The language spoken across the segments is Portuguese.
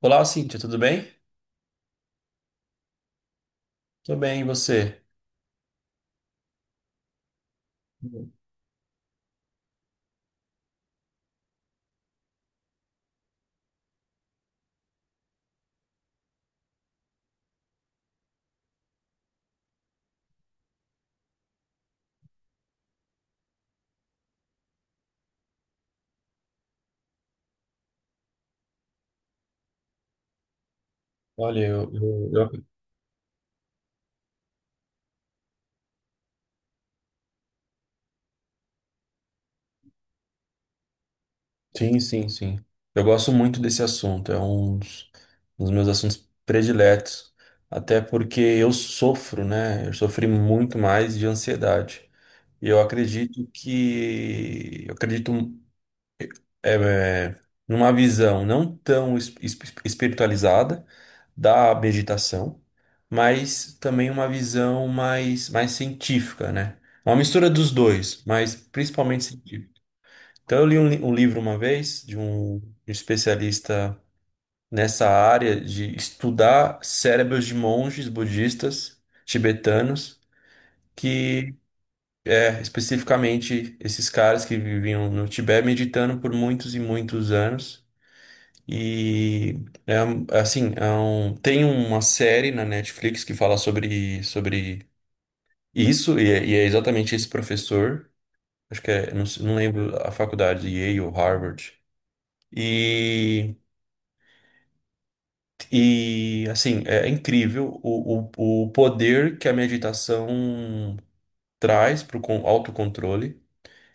Olá, Cíntia, tudo bem? Tô bem, e você? Olha, Sim, sim, sim. Eu gosto muito desse assunto, é um dos meus assuntos prediletos, até porque eu sofro, né? Eu sofri muito mais de ansiedade. E eu acredito é, é, numa visão não tão espiritualizada, da meditação, mas também uma visão mais científica, né? Uma mistura dos dois, mas principalmente científica. Então, eu li um livro uma vez de um especialista nessa área de estudar cérebros de monges budistas tibetanos, que é especificamente esses caras que viviam no Tibete meditando por muitos e muitos anos. E é é assim, tem uma série na Netflix que fala sobre isso, e é exatamente esse professor, acho que não lembro a faculdade, Yale ou Harvard. E, e assim, é incrível o poder que a meditação traz para o autocontrole.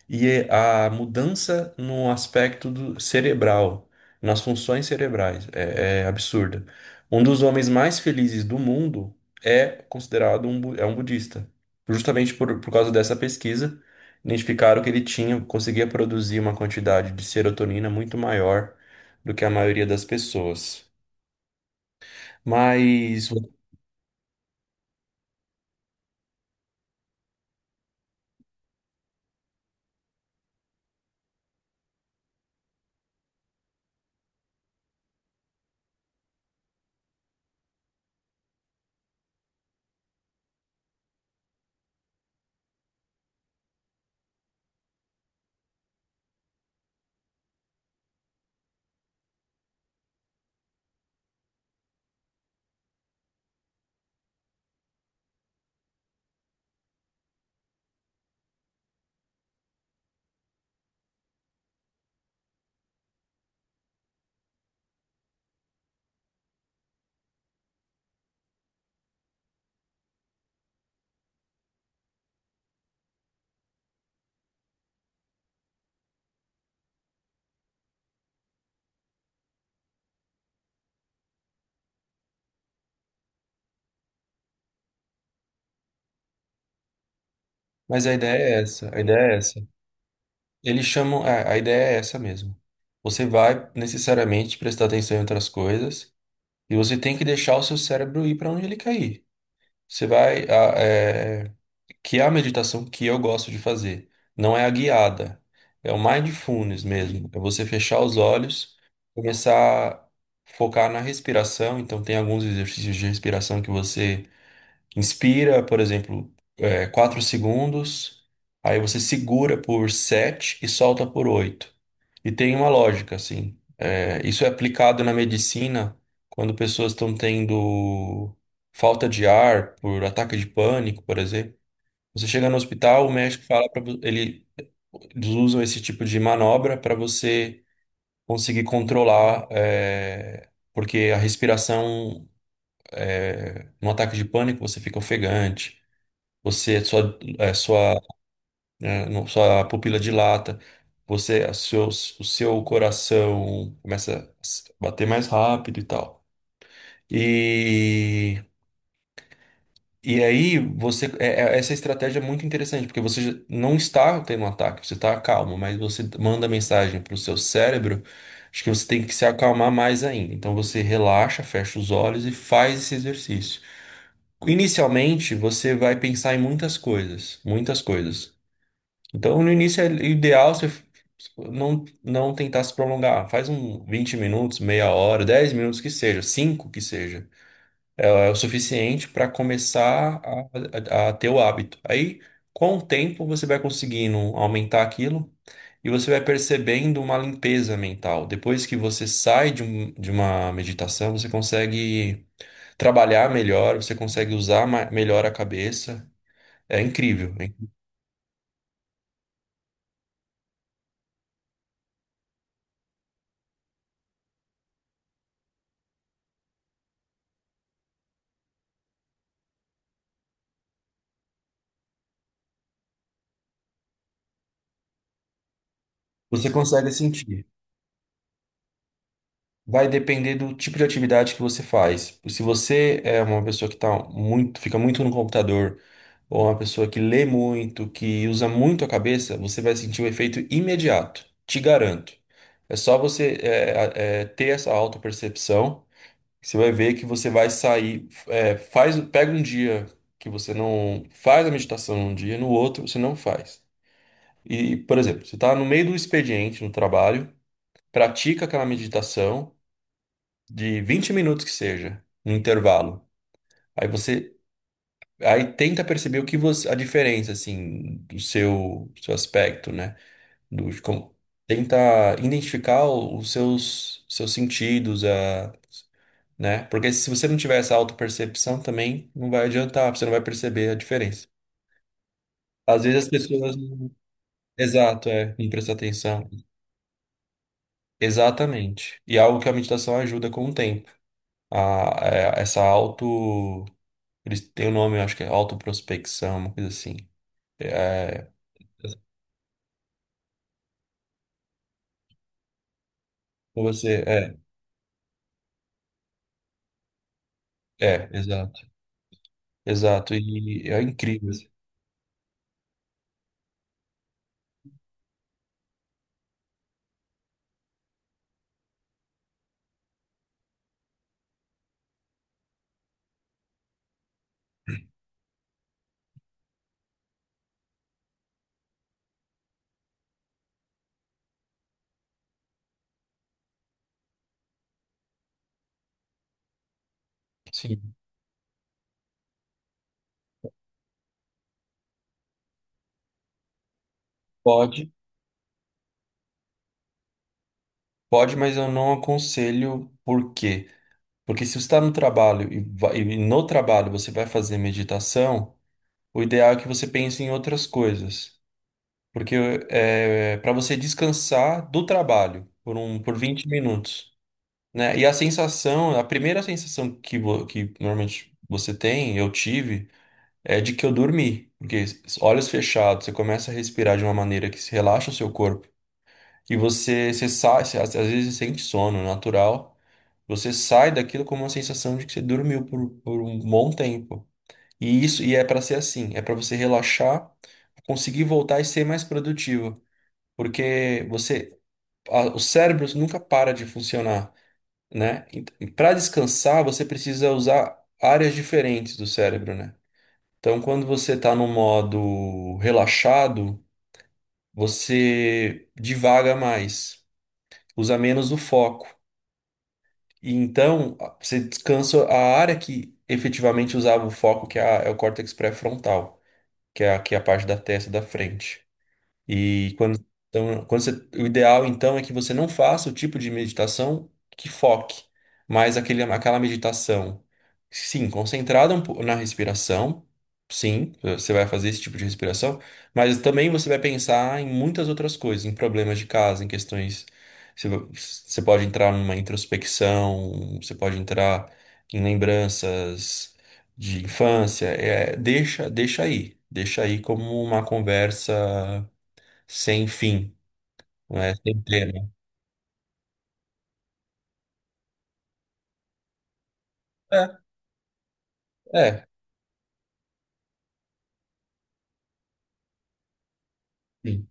E é a mudança no aspecto do cerebral, nas funções cerebrais, absurda. Um dos homens mais felizes do mundo é considerado um budista. Justamente por causa dessa pesquisa, identificaram que ele tinha, conseguia produzir uma quantidade de serotonina muito maior do que a maioria das pessoas. Mas, mas a ideia é essa, a ideia é essa. Eles chamam, a ideia é essa mesmo. Você vai necessariamente prestar atenção em outras coisas, e você tem que deixar o seu cérebro ir para onde ele quer ir. Você vai. Que é a meditação que eu gosto de fazer. Não é a guiada. É o mindfulness mesmo. É você fechar os olhos, começar a focar na respiração. Então, tem alguns exercícios de respiração que você inspira, por exemplo, 4 segundos. Aí você segura por 7 e solta por 8 e tem uma lógica, assim. É, isso é aplicado na medicina quando pessoas estão tendo falta de ar por ataque de pânico, por exemplo. Você chega no hospital, o médico fala para ele. Eles usam esse tipo de manobra para você conseguir controlar, porque a respiração no ataque de pânico você fica ofegante, você sua, né? Não só a pupila dilata, o seu coração começa a bater mais rápido e tal. E, e aí, essa estratégia é muito interessante, porque você já não está tendo um ataque, você está calmo, mas você manda mensagem para o seu cérebro, acho que você tem que se acalmar mais ainda. Então você relaxa, fecha os olhos e faz esse exercício. Inicialmente, você vai pensar em muitas coisas, muitas coisas. Então, no início é ideal você não tentar se prolongar. Faz 20 minutos, meia hora, 10 minutos que seja, 5 que seja. É o suficiente para começar a ter o hábito. Aí, com o tempo, você vai conseguindo aumentar aquilo e você vai percebendo uma limpeza mental. Depois que você sai de uma meditação, você consegue trabalhar melhor, você consegue usar melhor a cabeça. É incrível, hein? Você consegue sentir. Vai depender do tipo de atividade que você faz. Se você é uma pessoa que tá muito, fica muito no computador, ou uma pessoa que lê muito, que usa muito a cabeça, você vai sentir o efeito imediato. Te garanto. É só você ter essa autopercepção. Você vai ver que você vai sair. Pega um dia que você não faz a meditação num dia, no outro você não faz. E, por exemplo, você está no meio do expediente no trabalho, pratica aquela meditação de 20 minutos que seja, no intervalo. Aí você aí tenta perceber o que você a diferença assim do seu aspecto, né? Do de como Tenta identificar os seus sentidos, a né? Porque se você não tiver essa autopercepção também não vai adiantar, você não vai perceber a diferença. Às vezes as pessoas não- Exato, não prestam atenção. Exatamente. E é algo que a meditação ajuda com o tempo. A, a- essa auto Eles têm o nome, eu acho que é autoprospecção, uma coisa assim. É, você, é, exato. Exato, e é incrível assim. Sim, pode, pode, mas eu não aconselho por quê? Porque se você está no trabalho e no trabalho você vai fazer meditação, o ideal é que você pense em outras coisas. Porque é para você descansar do trabalho por 20 minutos, né? E a sensação, a primeira sensação que normalmente você tem, eu tive, é de que eu dormi. Porque olhos fechados, você começa a respirar de uma maneira que se relaxa o seu corpo. E você sai. Às vezes você sente sono natural. Você sai daquilo com uma sensação de que você dormiu por um bom tempo. E é para ser assim, é para você relaxar, conseguir voltar e ser mais produtivo. Porque o cérebro nunca para de funcionar, né? Para descansar, você precisa usar áreas diferentes do cérebro, né? Então, quando você está no modo relaxado, você divaga mais, usa menos o foco. E então, você descansa a área que efetivamente usava o foco, que é o córtex pré-frontal, que é aqui a parte da testa da frente. E então, o ideal então é que você não faça o tipo de meditação que foque, mas aquela meditação, sim, concentrada na respiração, sim, você vai fazer esse tipo de respiração, mas também você vai pensar em muitas outras coisas, em problemas de casa, em questões. Você pode entrar numa introspecção, você pode entrar em lembranças de infância, deixa aí como uma conversa sem fim, né? Sem tema. É, é. Sim.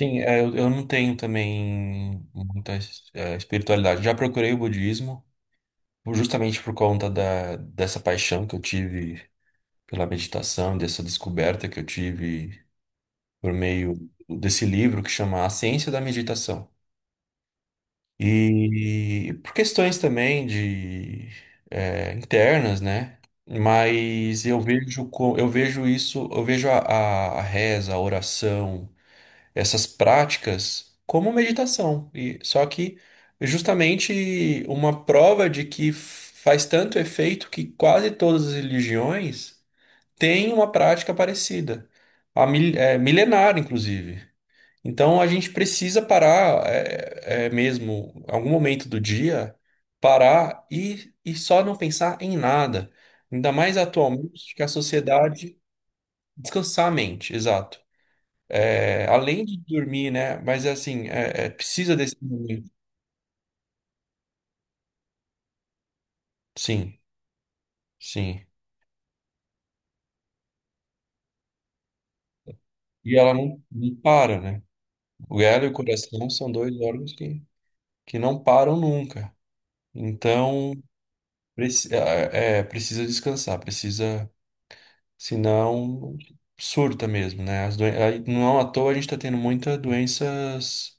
Sim, eu não tenho também muita espiritualidade. Já procurei o budismo, justamente por conta dessa paixão que eu tive pela meditação, dessa descoberta que eu tive por meio desse livro que chama A Ciência da Meditação. E por questões também de internas, né? Mas eu vejo isso, eu vejo a reza, a oração, essas práticas como meditação. E só que justamente uma prova de que faz tanto efeito que quase todas as religiões têm uma prática parecida, milenar, inclusive. Então a gente precisa parar, mesmo, algum momento do dia, parar e só não pensar em nada. Ainda mais atualmente que a sociedade. Descansar a mente, exato. É, além de dormir, né? Mas é assim, precisa desse momento. Sim, sim. E ela não para, né? O ela e o coração são dois órgãos que não param nunca. Então, precisa descansar, precisa. Senão, surta mesmo, né? Não é à toa a gente está tendo muitas doenças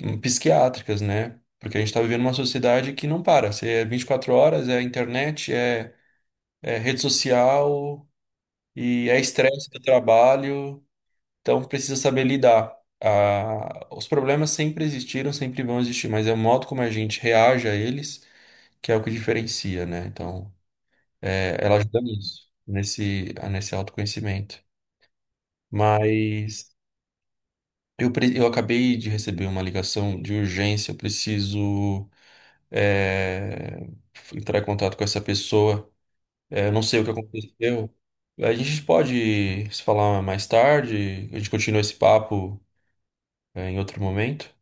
psiquiátricas, né? Porque a gente está vivendo uma sociedade que não para. Se é 24 horas, é internet, rede social e é estresse do trabalho. Então, precisa saber lidar. Ah, os problemas sempre existiram, sempre vão existir, mas é o modo como a gente reage a eles que é o que diferencia, né? Então, ela ajuda nisso, nesse autoconhecimento. Mas. Eu acabei de receber uma ligação de urgência, eu preciso eh, entrar em contato com essa pessoa. Eu não sei o que aconteceu. A gente pode se falar mais tarde, a gente continua esse papo, em outro momento.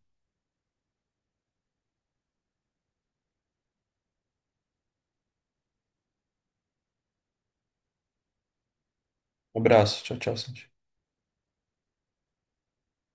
Um abraço, tchau, tchau, Sandy.